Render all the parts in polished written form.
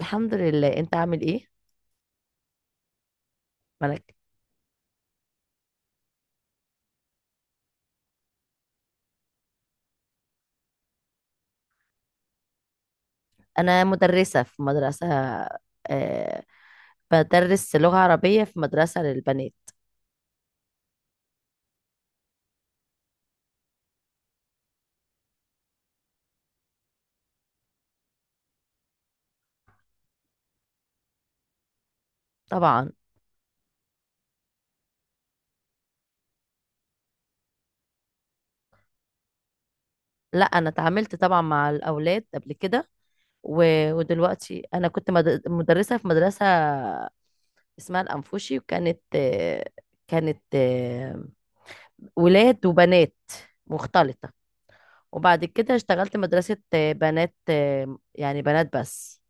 الحمد لله، انت عامل ايه؟ ملك. انا مدرسة في مدرسة. آه بدرس لغة عربية في مدرسة للبنات. طبعا. لا، انا اتعاملت طبعا مع الاولاد قبل كده، ودلوقتي انا كنت مدرسة في مدرسة اسمها الانفوشي، وكانت آه كانت آه ولاد وبنات، مختلطة. وبعد كده اشتغلت مدرسة، بنات، يعني بنات بس.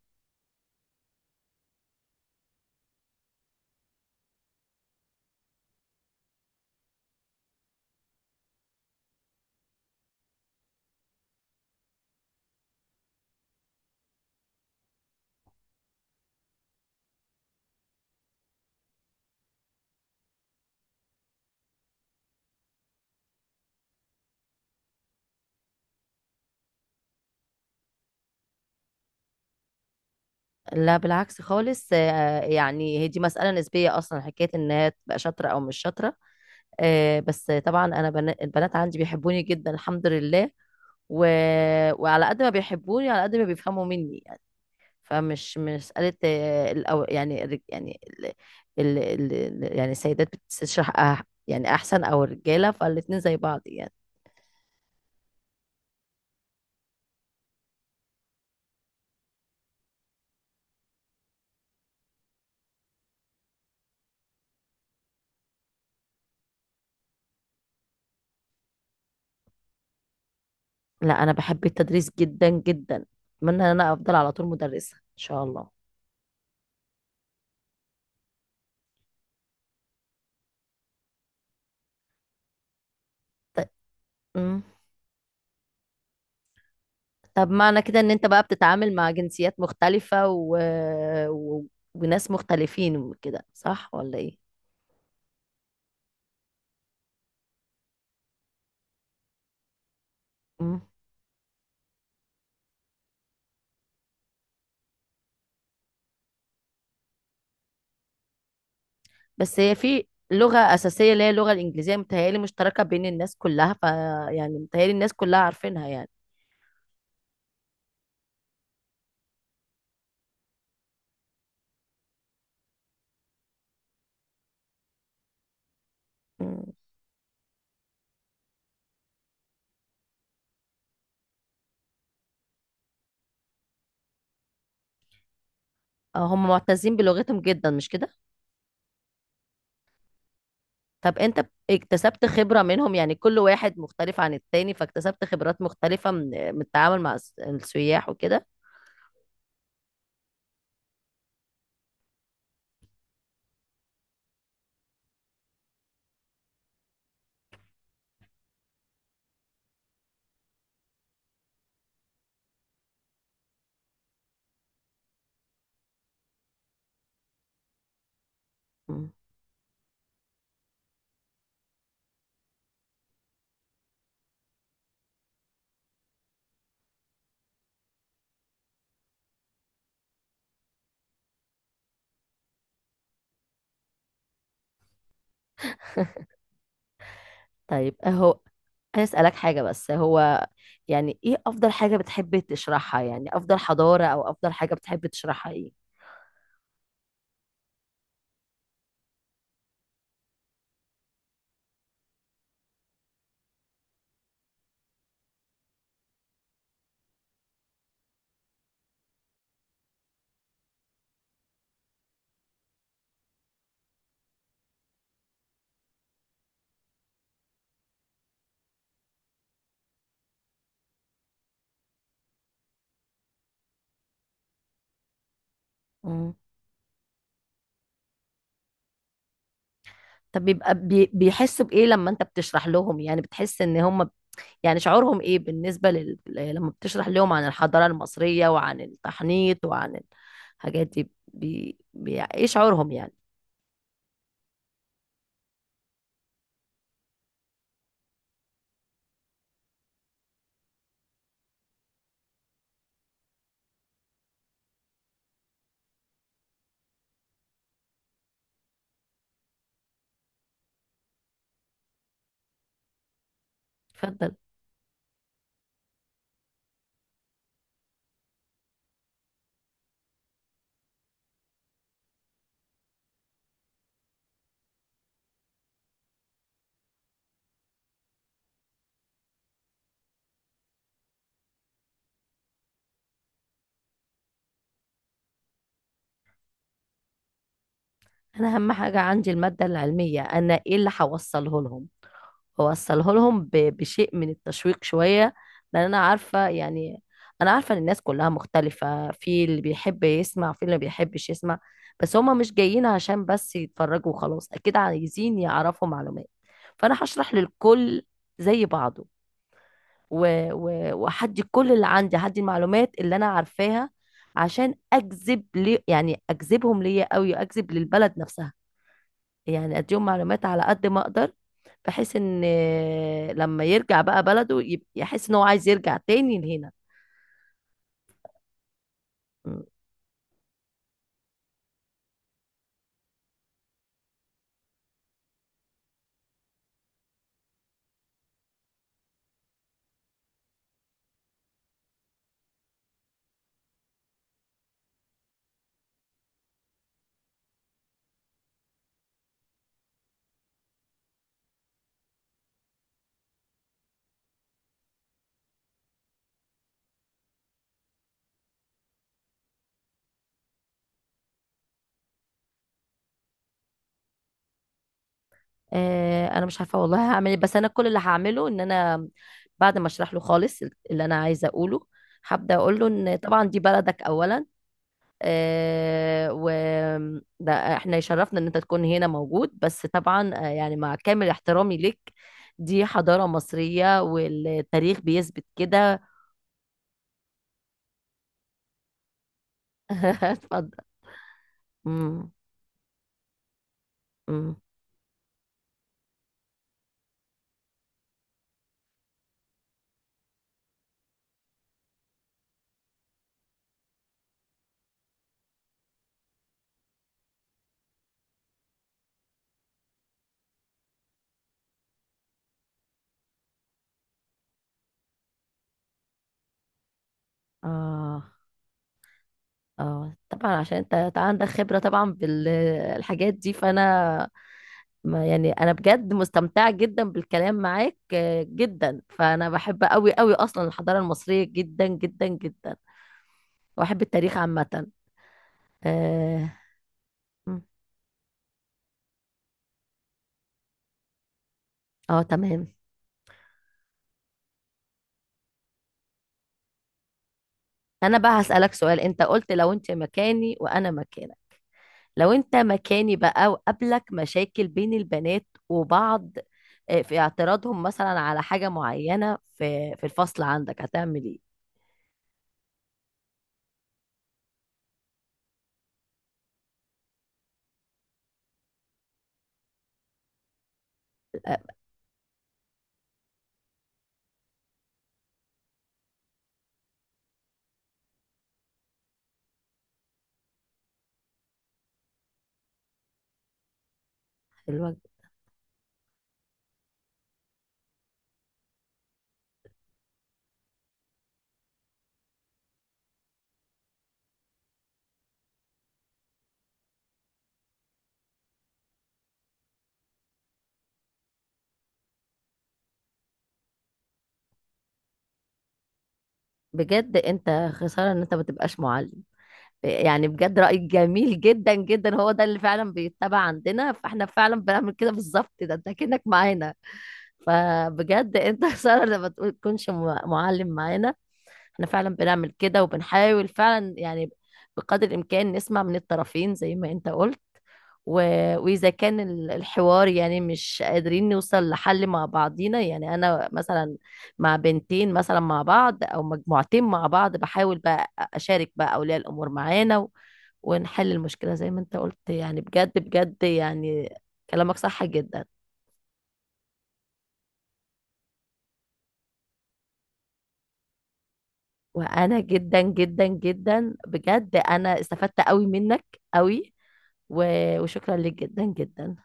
لا بالعكس خالص، يعني هي دي مسألة نسبية أصلا، حكاية إن هي تبقى شاطرة أو مش شاطرة. بس طبعا أنا البنات عندي بيحبوني جدا الحمد لله. و... وعلى قد ما بيحبوني على قد ما بيفهموا مني يعني. فمش مش مسألة، آه، الأو... يعني الرج- يعني ال... ال... ال... ال- يعني السيدات بتشرح، يعني أحسن أو الرجالة، فالاتنين زي بعض يعني. لا أنا بحب التدريس جدا جدا، أتمنى إن أنا أفضل على طول مدرسة إن شاء الله. طيب. طب معنى كده ان انت بقى بتتعامل مع جنسيات مختلفة و... وناس مختلفين وكده، صح ولا ايه؟ مم. بس هي في لغة أساسية اللي هي اللغة الإنجليزية، متهيألي مشتركة بين الناس كلها، يعني متهيألي الناس كلها عارفينها يعني. مم. هم معتزين بلغتهم جدا، مش كده؟ طب انت اكتسبت خبرة منهم، يعني كل واحد مختلف عن التاني، فاكتسبت خبرات مختلفة من التعامل مع السياح وكده. مم. طيب اهو. انا اسالك حاجه بس، هو يعني ايه افضل حاجه بتحب تشرحها، يعني افضل حضاره او افضل حاجه بتحب تشرحها، ايه؟ مم. طب بيبقى بيحسوا بايه لما انت بتشرح لهم، يعني بتحس ان هم، يعني شعورهم ايه بالنسبه لما بتشرح لهم عن الحضاره المصريه وعن التحنيط وعن الحاجات دي، ايه شعورهم يعني؟ اتفضل. انا اهم حاجه عندي الماده العلميه، انا ايه اللي هوصله لهم، واوصله لهم بشيء من التشويق شوية، لان انا عارفة يعني، انا عارفة ان الناس كلها مختلفة، في اللي بيحب يسمع في اللي ما بيحبش يسمع، بس هما مش جايين عشان بس يتفرجوا وخلاص، اكيد عايزين يعرفوا معلومات. فانا هشرح للكل زي بعضه، وهدي كل اللي عندي، هدي المعلومات اللي انا عارفاها، عشان اجذب لي يعني اجذبهم ليا قوي، اجذب للبلد نفسها، يعني اديهم معلومات على قد ما اقدر، بحيث ان لما يرجع بقى بلده يحس ان هو عايز يرجع تاني لهنا. م. انا مش عارفه والله هعمل ايه، بس انا كل اللي هعمله ان انا بعد ما اشرح له خالص اللي انا عايزه اقوله، هبدا اقول له ان طبعا دي بلدك اولا، آه، و ده احنا يشرفنا ان انت تكون هنا موجود، بس طبعا، يعني مع كامل احترامي ليك، دي حضارة مصرية والتاريخ بيثبت كده. اتفضل. امم. امم. اه، اه، طبعا عشان انت عندك خبرة طبعا بالحاجات دي فانا، ما يعني انا بجد مستمتعة جدا بالكلام معاك، جدا، فانا بحب قوي قوي اصلا الحضارة المصرية جدا جدا جدا، واحب التاريخ عامة. آه. اه تمام. انا بقى هسألك سؤال، انت قلت لو انت مكاني وانا مكانك. لو انت مكاني بقى وقابلك مشاكل بين البنات وبعض، في اعتراضهم مثلا على حاجة معينة في الفصل عندك، هتعمل ايه؟ آه، الوجه. بجد انت خسارة ان انت ما تبقاش معلم، يعني بجد رأيك جميل جدا جدا، هو ده اللي فعلا بيتبع عندنا، فاحنا فعلا بنعمل كده بالظبط، ده انت كأنك معانا. فبجد انت خسارة لما تكونش معلم معانا. احنا فعلا بنعمل كده وبنحاول فعلا يعني، بقدر الامكان نسمع من الطرفين زي ما انت قلت، و... واذا كان الحوار يعني مش قادرين نوصل لحل مع بعضينا، يعني انا مثلا مع بنتين مثلا مع بعض او مجموعتين مع بعض، بحاول بقى اشارك بقى اولياء الامور معانا، ونحل المشكلة زي ما انت قلت، يعني بجد بجد يعني، كلامك صح جدا. وانا جدا جدا جدا بجد انا استفدت قوي منك، قوي، و... وشكرا لك جدا جدا.